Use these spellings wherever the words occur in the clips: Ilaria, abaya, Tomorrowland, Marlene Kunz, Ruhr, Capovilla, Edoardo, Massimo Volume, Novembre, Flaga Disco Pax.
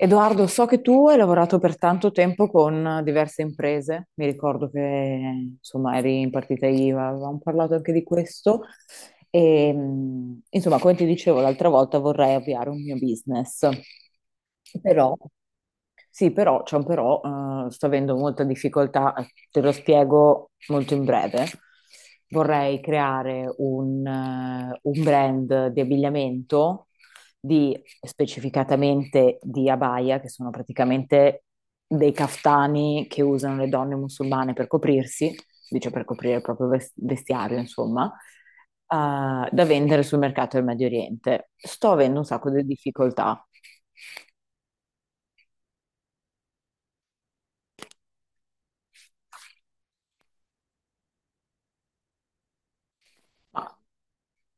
Edoardo, so che tu hai lavorato per tanto tempo con diverse imprese, mi ricordo che insomma eri in partita IVA, avevamo parlato anche di questo e insomma come ti dicevo l'altra volta vorrei avviare un mio business, però sì, però c'è un però, sto avendo molta difficoltà, te lo spiego molto in breve. Vorrei creare un brand di abbigliamento di specificatamente di abaya, che sono praticamente dei caftani che usano le donne musulmane per coprirsi, dice per coprire il proprio vestiario, insomma, da vendere sul mercato del Medio Oriente. Sto avendo un sacco di difficoltà.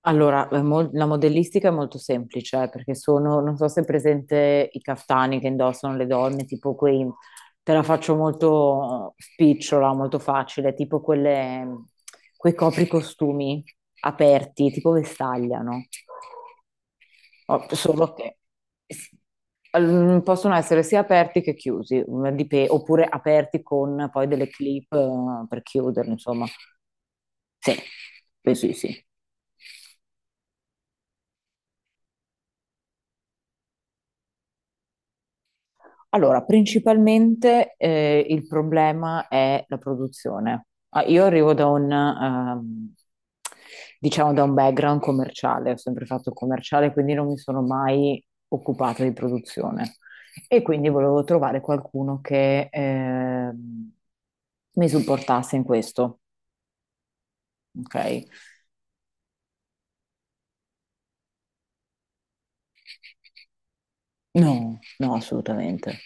Allora, la modellistica è molto semplice, perché sono, non so se è presente i caftani che indossano le donne, tipo quei, te la faccio molto spicciola, molto facile, tipo quelle, quei copricostumi aperti, tipo vestaglia, no? Oh, solo che mm, possono essere sia aperti che chiusi, mm, oppure aperti con poi delle clip per chiuderli, insomma. Sì, sì, sì, sì. Allora, principalmente il problema è la produzione. Ah, io arrivo da diciamo, da un background commerciale, ho sempre fatto il commerciale, quindi non mi sono mai occupata di produzione. E quindi volevo trovare qualcuno che mi supportasse in questo, ok? No, no, assolutamente.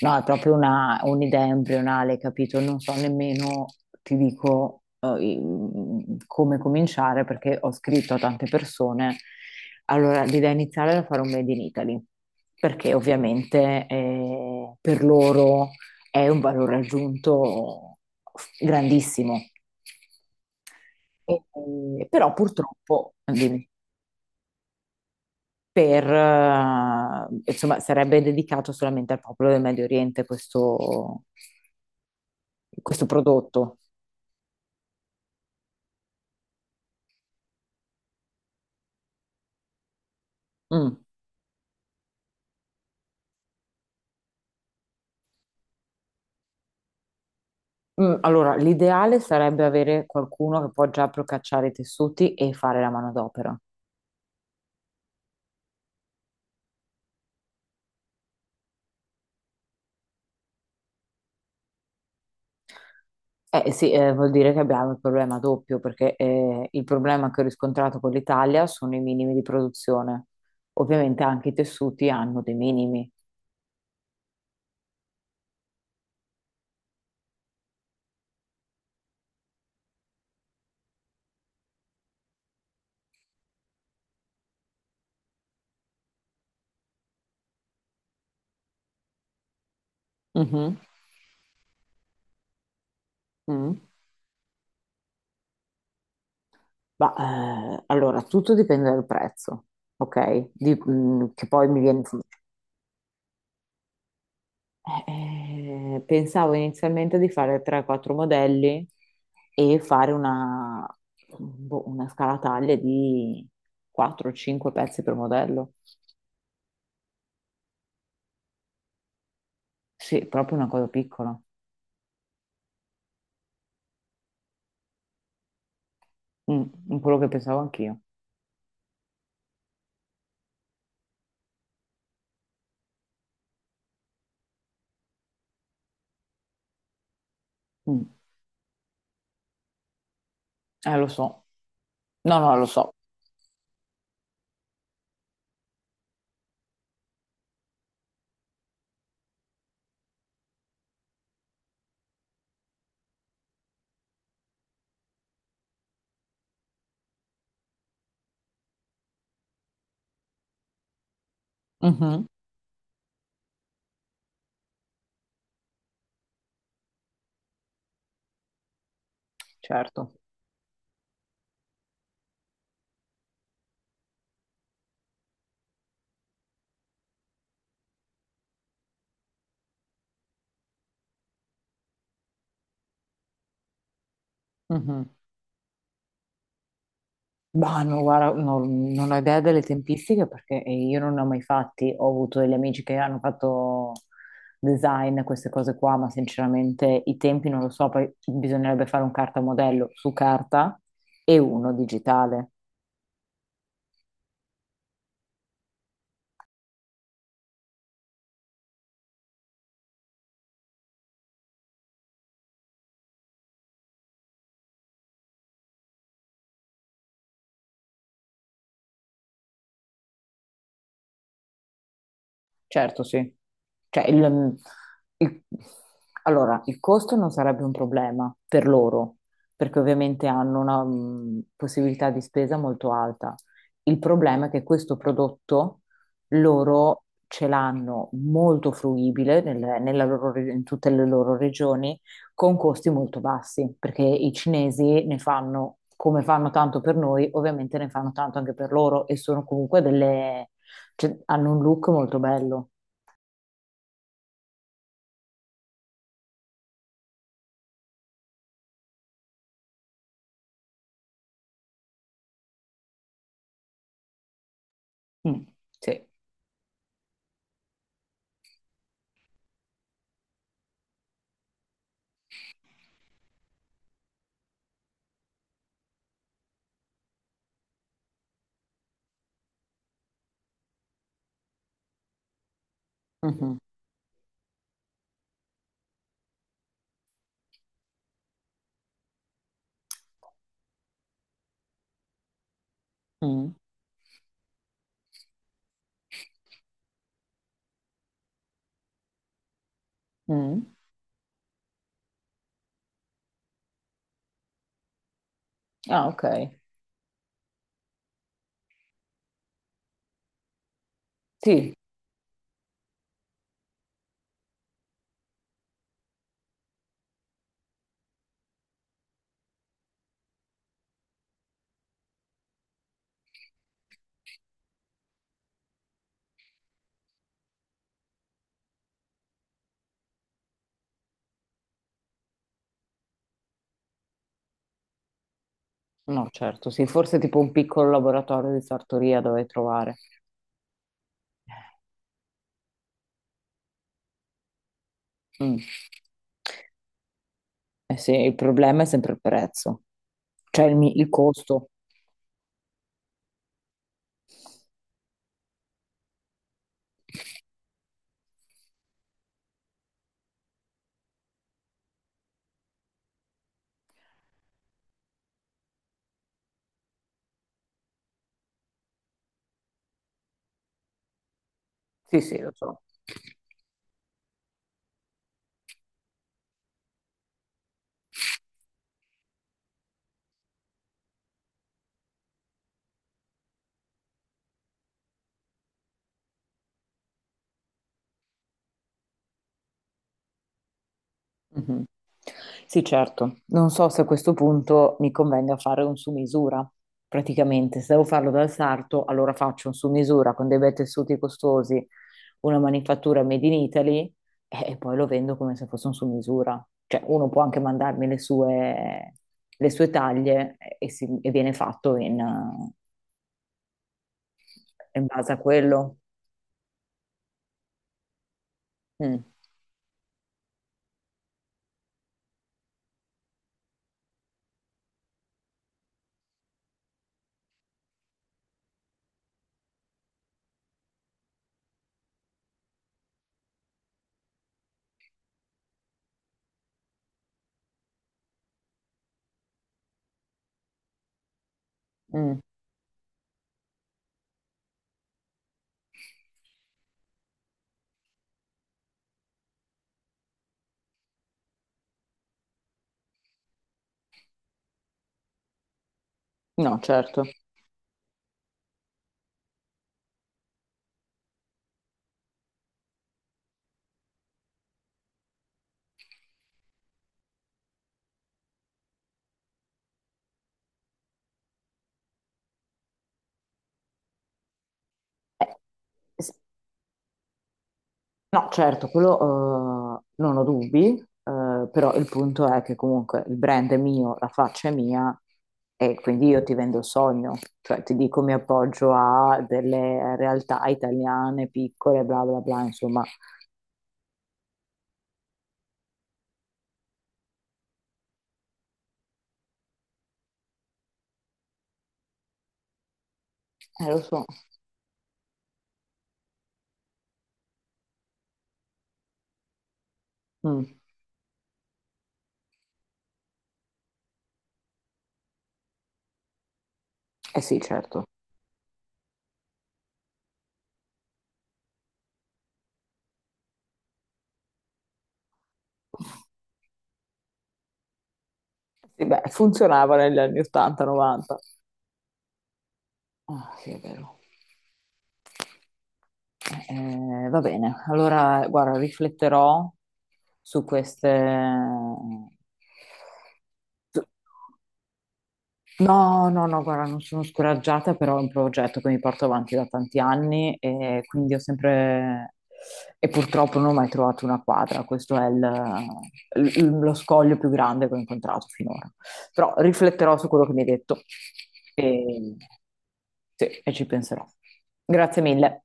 No, è proprio un'idea embrionale, capito? Non so nemmeno, ti dico, come cominciare perché ho scritto a tante persone. Allora, l'idea iniziale era fare un Made in Italy, perché ovviamente per loro è un valore aggiunto grandissimo. Però purtroppo, dimmi per, insomma, sarebbe dedicato solamente al popolo del Medio Oriente questo, questo prodotto. Mm. Mm, allora, l'ideale sarebbe avere qualcuno che può già procacciare i tessuti e fare la manodopera. Eh sì, vuol dire che abbiamo il problema doppio, perché il problema che ho riscontrato con l'Italia sono i minimi di produzione. Ovviamente anche i tessuti hanno dei minimi. Mhm. Mm. Ma, allora, tutto dipende dal prezzo, ok? Mm, che poi mi viene... pensavo inizialmente di fare 3-4 modelli e fare una, boh, una scala taglia di 4-5 pezzi per modello. Sì, proprio una cosa piccola. Mm, quello che pensavo anch'io. Mm. Lo so. No, no, lo so. Mhm. Certo. Mhm. Ma no, guarda, non, non ho idea delle tempistiche perché io non ne ho mai fatti. Ho avuto degli amici che hanno fatto design, queste cose qua, ma sinceramente i tempi non lo so. Poi bisognerebbe fare un cartamodello su carta e uno digitale. Certo, sì. Cioè, mm, il- allora, il costo non sarebbe un problema per loro, perché ovviamente hanno una mm, possibilità di spesa molto alta. Il problema è che questo prodotto loro ce l'hanno molto fruibile nella loro in tutte le loro regioni con costi molto bassi, perché i cinesi ne fanno come fanno tanto per noi, ovviamente ne fanno tanto anche per loro e sono comunque delle, cioè, hanno un look molto bello. Mm, sì. Mhm, mm, mm. Ah, ok. Sì, no, certo, sì, forse tipo un piccolo laboratorio di sartoria dove trovare. Mm. Eh sì, il problema è sempre il prezzo, cioè il, il costo. Sì, sì, lo so. Mhm. Sì, certo. Non so se a questo punto mi convenga fare un su misura. Praticamente, se devo farlo dal sarto, allora faccio un su misura con dei bei tessuti costosi, una manifattura made in Italy e poi lo vendo come se fosse un su misura. Cioè, uno può anche mandarmi le sue taglie e viene fatto in, in base a quello. Mm, mm. No, certo. Eh, no, certo, quello non ho dubbi, però il punto è che comunque il brand è mio, la faccia è mia e quindi io ti vendo il sogno, cioè ti dico mi appoggio a delle realtà italiane piccole, bla bla bla, insomma, lo so. Mm. Eh sì, certo. Sì, beh, funzionava negli anni 80-90. Ah, sì, è vero. Va bene, allora guarda, rifletterò su queste, no, no, no, guarda, non sono scoraggiata, però è un progetto che mi porto avanti da tanti anni e quindi ho sempre... e purtroppo non ho mai trovato una quadra, questo è lo scoglio più grande che ho incontrato finora. Però rifletterò su quello che mi hai detto e, sì, e ci penserò. Grazie mille.